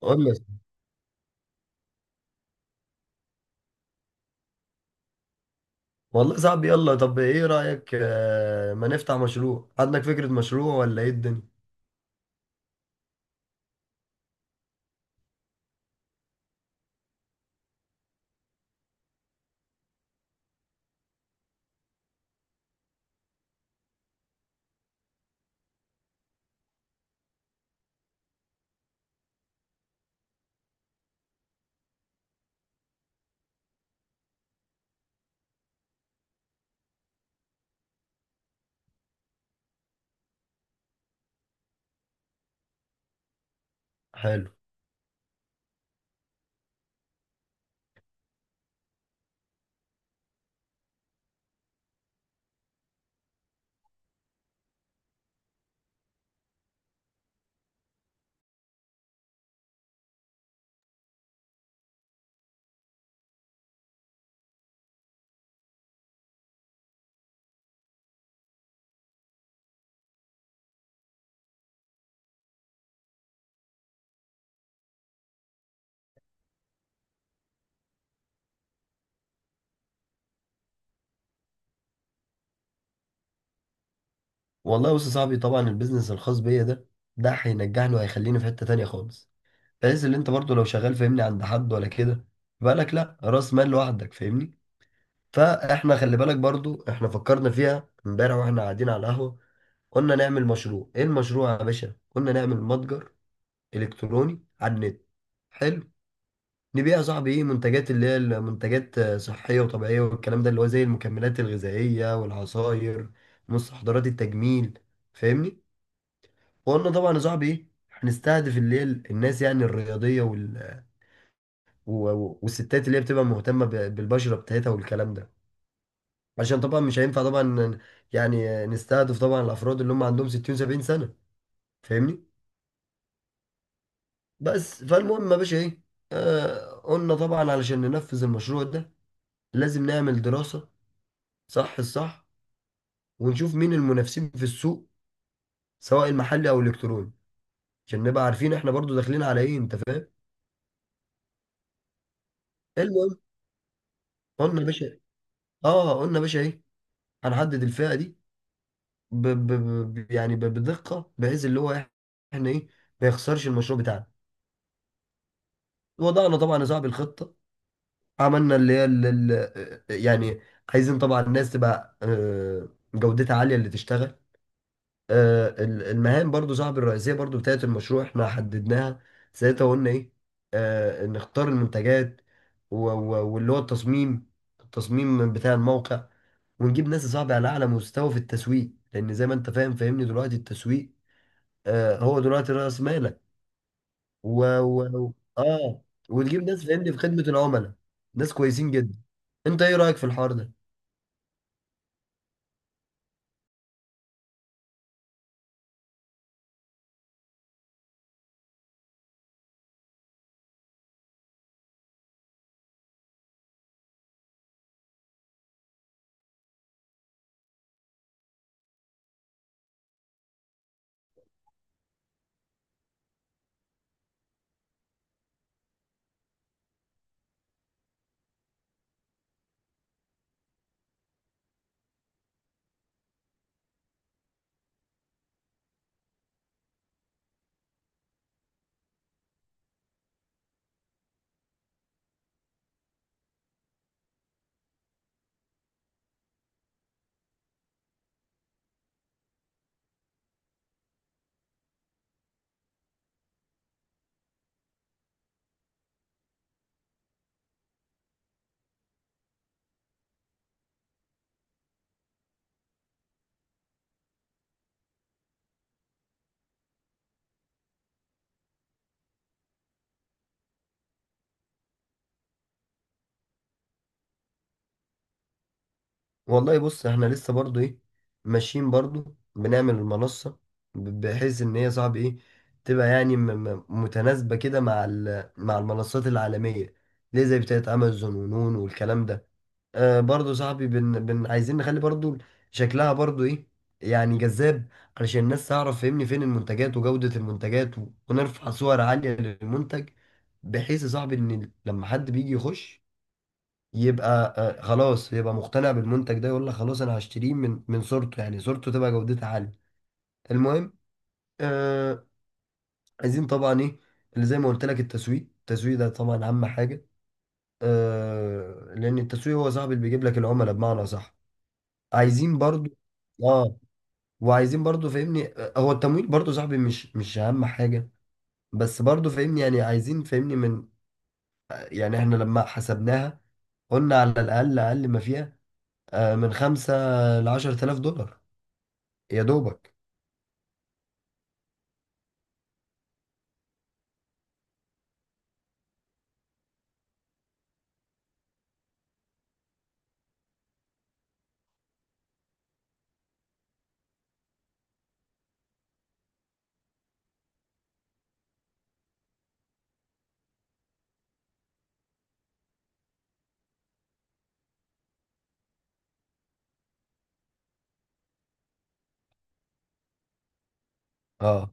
قول لي. والله صعب، يلا طب ايه رأيك، ما نفتح مشروع، عندك فكرة مشروع ولا ايه الدنيا؟ حلو. والله بص يا صاحبي، طبعا البيزنس الخاص بيا ده هينجحني وهيخليني في حتة تانية خالص. بحيث ان انت برضو لو شغال فاهمني عند حد ولا كده، بالك لا راس مال لوحدك فاهمني. فاحنا خلي بالك برضو، احنا فكرنا فيها امبارح واحنا قاعدين على القهوة. قلنا نعمل مشروع، ايه المشروع يا باشا؟ قلنا نعمل متجر الكتروني على النت. حلو. نبيع يا صاحبي ايه، منتجات اللي هي المنتجات صحية وطبيعية والكلام ده، اللي هو زي المكملات الغذائية والعصاير، مستحضرات التجميل، فاهمني. وقلنا طبعا يا صاحبي ايه، هنستهدف اللي هي الناس يعني الرياضية والستات اللي هي بتبقى مهتمة بالبشرة بتاعتها والكلام ده. عشان طبعا مش هينفع طبعا يعني نستهدف طبعا الافراد اللي هم عندهم 60 70 سنة، فاهمني. بس فالمهم يا باشا ايه، قلنا طبعا علشان ننفذ المشروع ده لازم نعمل دراسة صح الصح، ونشوف مين المنافسين في السوق، سواء المحلي او الالكتروني، عشان نبقى عارفين احنا برضو داخلين على ايه، انت فاهم. المهم، قلنا يا باشا اه قلنا يا باشا ايه، هنحدد الفئه دي ب... ب... بدقه، بحيث اللي هو إيه، احنا ايه، ما يخسرش المشروع بتاعنا. وضعنا طبعا يا صاحبي الخطه، عملنا اللي هي ال... ال... يعني عايزين طبعا الناس تبقى جودتها عاليه اللي تشتغل. المهام برضو صاحب الرئيسية برضو بتاعت المشروع احنا حددناها. ساعتها قلنا ايه، نختار المنتجات واللي هو التصميم، التصميم بتاع الموقع، ونجيب ناس صعبة على أعلى مستوى في التسويق، لأن زي ما أنت فاهم فاهمني، دلوقتي التسويق هو دلوقتي رأس مالك. و... و... آه وتجيب ناس فاهمني في خدمة العملاء، ناس كويسين جدا. أنت إيه رأيك في الحوار ده؟ والله بص احنا لسه برضو ايه، ماشيين برضو بنعمل المنصة، بحيث ان هي صعب ايه تبقى يعني متناسبة كده مع مع المنصات العالمية، ليه زي بتاعة امازون ونون والكلام ده. برضو صاحبي بن عايزين نخلي برضو شكلها برضو ايه يعني جذاب، علشان الناس تعرف فهمني فين المنتجات وجودة المنتجات، ونرفع صور عالية للمنتج، بحيث يا صاحبي ان لما حد بيجي يخش يبقى خلاص يبقى مقتنع بالمنتج ده، يقول لك خلاص انا هشتريه من صورته، يعني صورته تبقى جودتها عاليه. المهم، آه عايزين طبعا ايه، اللي زي ما قلت لك، التسويق التسويق ده طبعا اهم حاجه، لان التسويق هو صاحب اللي بيجيب لك العملاء بمعنى صح. عايزين برضو. اه، وعايزين برضو فاهمني هو التمويل برضو صاحبي مش اهم حاجه، بس برضو فاهمني يعني عايزين فاهمني من، يعني احنا لما حسبناها قلنا على الاقل اقل ما فيها، من 5 لـ10 آلاف دولار يا دوبك. اه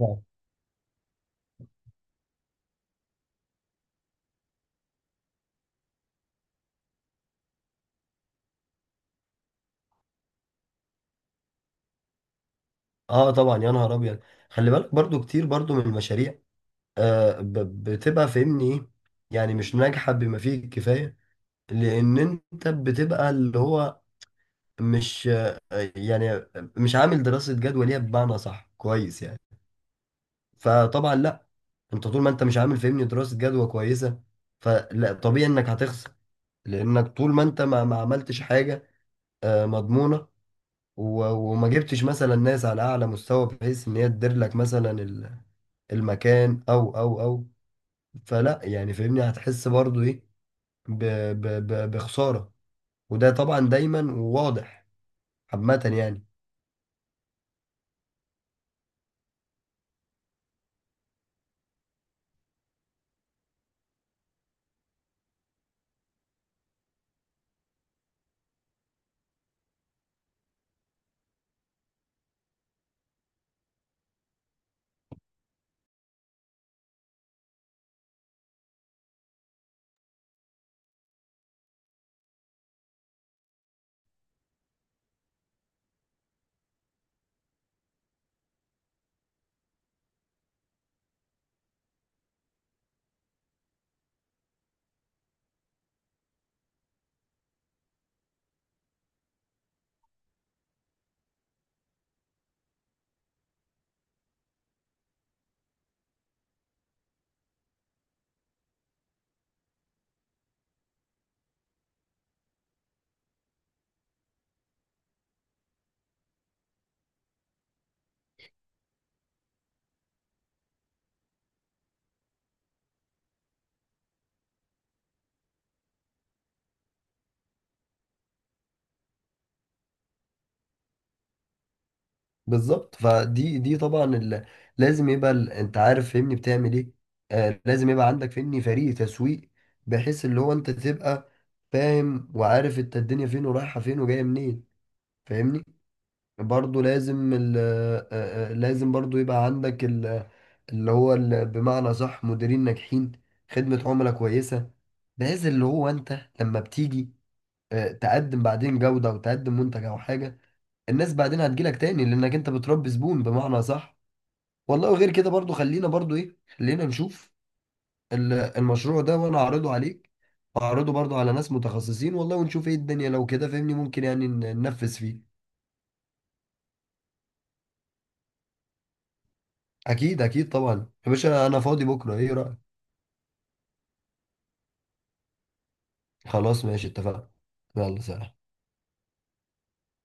اه، طبعا يا نهار ابيض. خلي بالك برضو كتير برضو من المشاريع بتبقى فاهمني ايه، يعني مش ناجحه بما فيه الكفايه، لان انت بتبقى اللي هو مش يعني مش عامل دراسه جدوى ليها بمعنى صح كويس يعني. فطبعا لا، انت طول ما انت مش عامل فاهمني دراسه جدوى كويسه، فلا طبيعي انك هتخسر، لانك طول ما انت ما عملتش حاجه مضمونه، و- وما جبتش مثلا ناس على اعلى مستوى بحيث ان هي تدير لك مثلا المكان او، فلا يعني فاهمني هتحس برضو ايه، ب ب ب بخسارة، وده طبعا دايما واضح عامة يعني. بالظبط، فدي طبعا لازم يبقى انت عارف فاهمني بتعمل ايه، لازم يبقى عندك فاهمني فريق تسويق، بحيث اللي هو انت تبقى فاهم وعارف انت الدنيا فين ورايحة فين وجاية منين، فاهمني. برضو لازم ال آه، آه، لازم برضو يبقى عندك ال اللي هو ال بمعنى صح مديرين ناجحين، خدمة عملاء كويسة، بحيث اللي هو انت لما بتيجي تقدم بعدين جودة وتقدم منتج او حاجة، الناس بعدين هتجيلك تاني لانك انت بتربي زبون بمعنى صح. والله وغير كده برضو، خلينا برضو ايه، خلينا نشوف المشروع ده، وانا هعرضه عليك، وهعرضه برضو على ناس متخصصين، والله ونشوف ايه الدنيا، لو كده فهمني ممكن يعني ننفذ فيه. اكيد اكيد طبعا يا باشا، انا فاضي بكره، ايه رايك؟ خلاص ماشي، اتفقنا. يلا سلام.